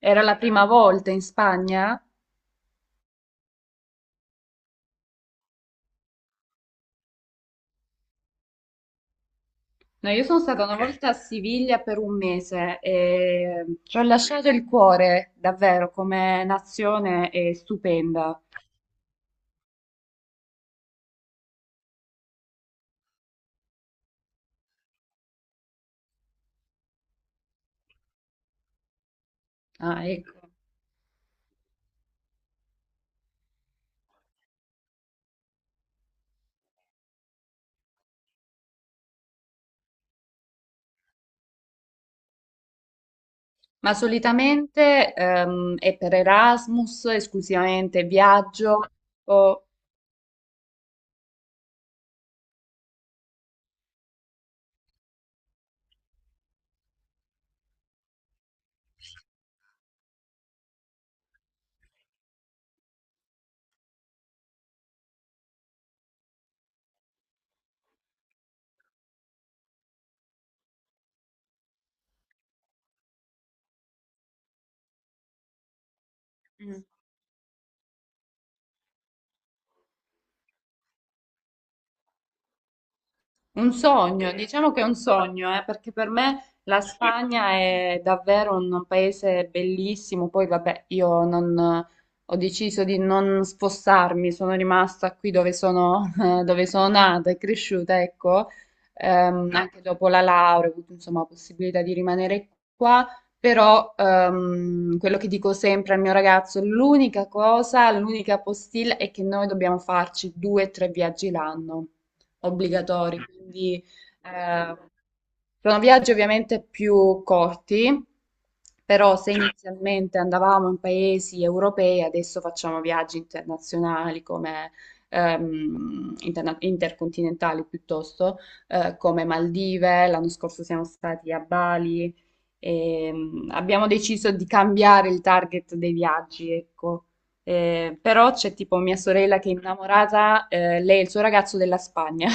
Era la prima volta in Spagna? No, io sono stata una volta a Siviglia per un mese e ci ho lasciato il cuore, davvero, come nazione è stupenda. Ah, ecco. Ma solitamente è per Erasmus, esclusivamente viaggio o... Un sogno, diciamo che è un sogno, perché per me la Sì. Spagna è davvero un paese bellissimo. Poi, vabbè, io non, ho deciso di non spostarmi, sono rimasta qui dove sono, dove sono nata e cresciuta, ecco. Ah, anche dopo la laurea ho avuto, insomma, la possibilità di rimanere qua. Però quello che dico sempre al mio ragazzo, l'unica cosa, l'unica postilla è che noi dobbiamo farci due o tre viaggi l'anno obbligatori, quindi eh, sono viaggi ovviamente più corti, però se inizialmente andavamo in paesi europei, adesso facciamo viaggi internazionali come intercontinentali piuttosto, come Maldive, l'anno scorso siamo stati a Bali e abbiamo deciso di cambiare il target dei viaggi, ecco. Però c'è tipo mia sorella che è innamorata, lei e il suo ragazzo della Spagna.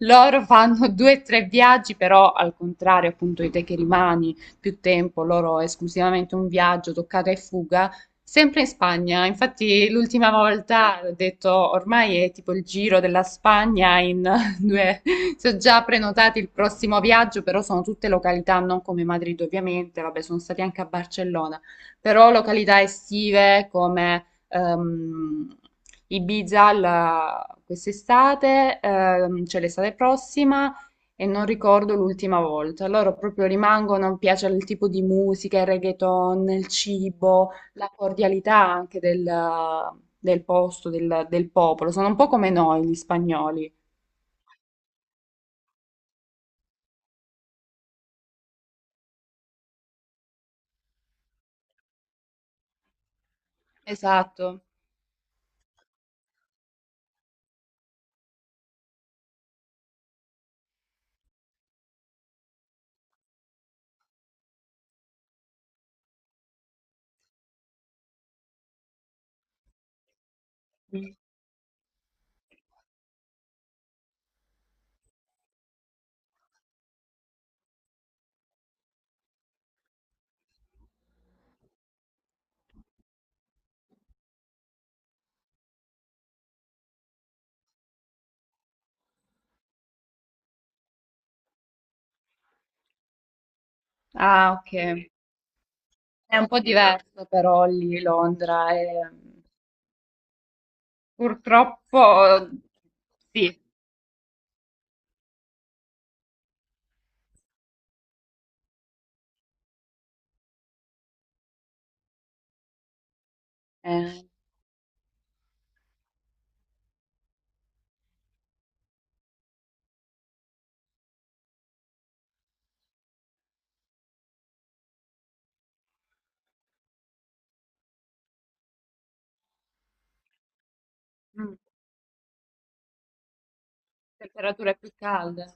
Loro fanno due o tre viaggi, però al contrario, appunto, di te che rimani più tempo, loro esclusivamente un viaggio, toccata e fuga, sempre in Spagna. Infatti, l'ultima volta ho detto ormai è tipo il giro della Spagna in due. Se ho già prenotato il prossimo viaggio, però sono tutte località, non come Madrid, ovviamente. Vabbè, sono stati anche a Barcellona, però località estive come ehm, Ibiza quest'estate, cioè l'estate prossima, e non ricordo l'ultima volta. Loro proprio rimangono, mi piace il tipo di musica, il reggaeton, il cibo, la cordialità anche del posto, del popolo. Sono un po' come noi, gli spagnoli. Esatto. Ah, ok. È un po' diverso però lì Londra. E Purtroppo sì. Eh, mm. Temperature più calde.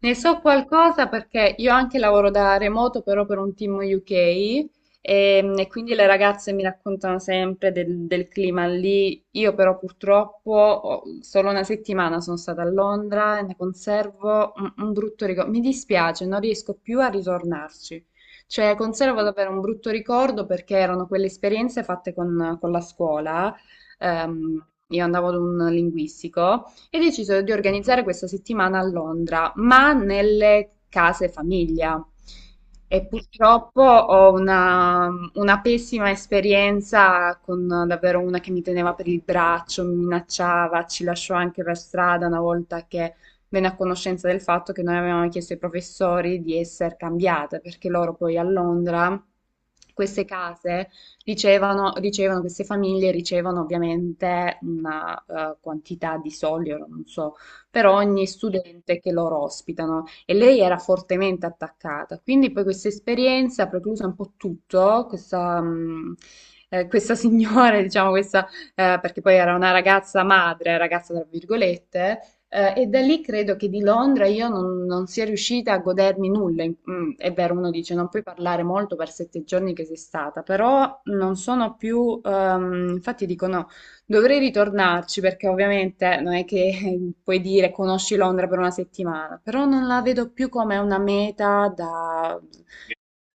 Ne so qualcosa perché io anche lavoro da remoto, però per un team UK e quindi le ragazze mi raccontano sempre del clima lì. Io però purtroppo solo una settimana sono stata a Londra e ne conservo un brutto ricordo. Mi dispiace, non riesco più a ritornarci. Cioè, conservo davvero un brutto ricordo perché erano quelle esperienze fatte con la scuola. Io andavo ad un linguistico. E decisero di organizzare questa settimana a Londra, ma nelle case famiglia. E purtroppo ho una pessima esperienza con davvero una che mi teneva per il braccio, mi minacciava, ci lasciò anche per strada una volta che venne a conoscenza del fatto che noi avevamo chiesto ai professori di essere cambiate, perché loro poi a Londra queste case Dicevano, dicevano che queste famiglie ricevono ovviamente una quantità di soldi, ora non so, per ogni studente che loro ospitano e lei era fortemente attaccata. Quindi poi questa esperienza ha precluso un po' tutto, questa, questa signora, diciamo, questa, perché poi era una ragazza madre, ragazza tra virgolette, e da lì credo che di Londra io non, non sia riuscita a godermi nulla. È vero, uno dice non puoi parlare molto per sette giorni che sei stata, però non sono più, infatti dico no, dovrei ritornarci perché ovviamente non è che puoi dire conosci Londra per una settimana, però non la vedo più come una meta da.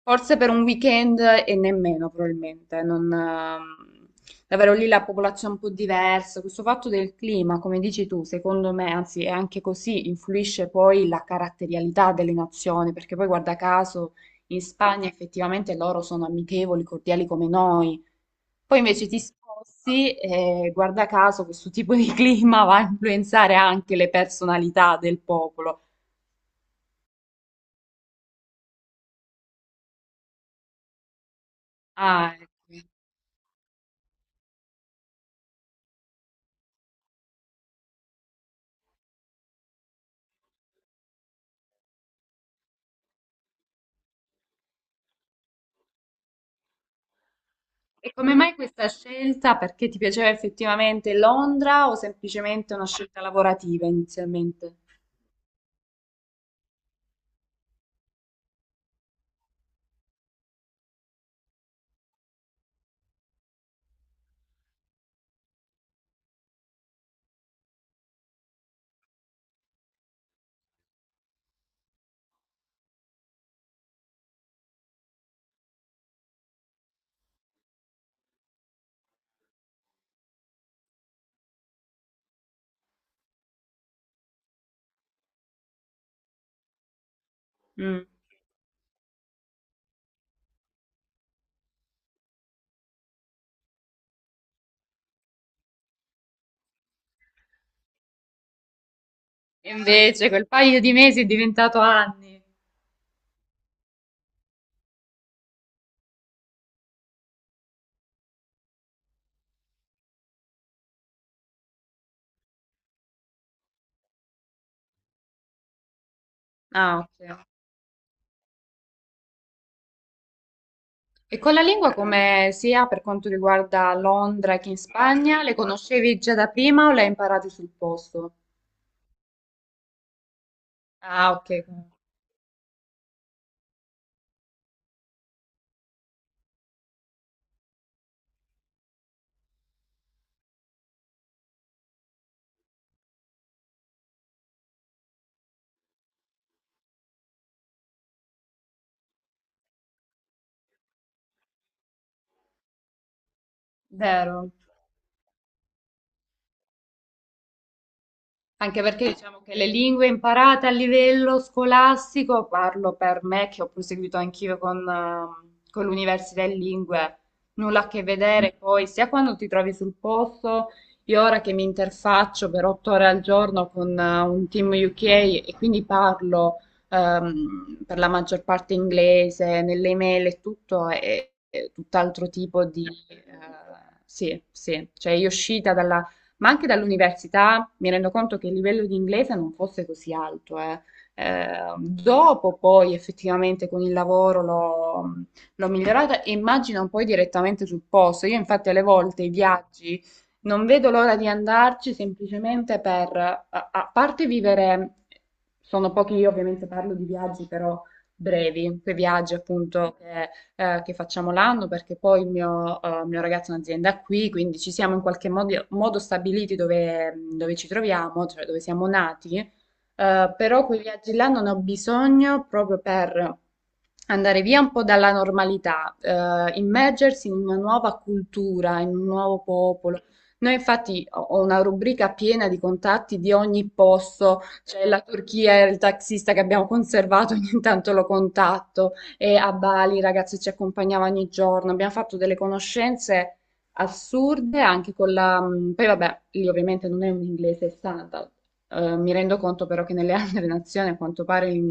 Forse per un weekend e nemmeno probabilmente, non, davvero lì la popolazione è un po' diversa. Questo fatto del clima, come dici tu, secondo me, anzi è anche così, influisce poi la caratterialità delle nazioni, perché poi guarda caso in Spagna effettivamente loro sono amichevoli, cordiali come noi. Poi invece ti sposti e guarda caso questo tipo di clima va a influenzare anche le personalità del popolo. Ah, ecco. E come mai questa scelta? Perché ti piaceva effettivamente Londra o semplicemente una scelta lavorativa inizialmente? Mm. E invece quel paio di mesi è diventato anni. Ah, ok. E con la lingua come sia per quanto riguarda Londra che in Spagna, le conoscevi già da prima o le hai imparate sul posto? Ah, ok, vero. Anche perché diciamo che le lingue imparate a livello scolastico, parlo per me che ho proseguito anch'io con l'università in lingue, nulla a che vedere poi, sia quando ti trovi sul posto, io ora che mi interfaccio per otto ore al giorno con un team UK e quindi parlo per la maggior parte inglese, nelle email e tutto, è tutt'altro tipo di... sì, sì, cioè io uscita dalla ma anche dall'università mi rendo conto che il livello di inglese non fosse così alto, eh. Eh, dopo poi effettivamente con il lavoro l'ho migliorata e immagino poi direttamente sul posto. Io infatti alle volte i viaggi non vedo l'ora di andarci semplicemente per, a parte vivere, sono pochi, io ovviamente parlo di viaggi però brevi, quei viaggi appunto che facciamo l'anno, perché poi il mio, mio ragazzo ha un'azienda qui, quindi ci siamo in qualche modo, modo stabiliti dove ci troviamo, cioè dove siamo nati, però quei viaggi là non ho bisogno proprio per andare via un po' dalla normalità, immergersi in una nuova cultura, in un nuovo popolo. Noi infatti ho una rubrica piena di contatti di ogni posto, c'è la Turchia, il taxista che abbiamo conservato, ogni tanto lo contatto, e a Bali i ragazzi ci accompagnavano ogni giorno, abbiamo fatto delle conoscenze assurde anche con la... Poi vabbè, lì ovviamente non è un inglese standard. Mi rendo conto però che nelle altre nazioni a quanto pare l'inglese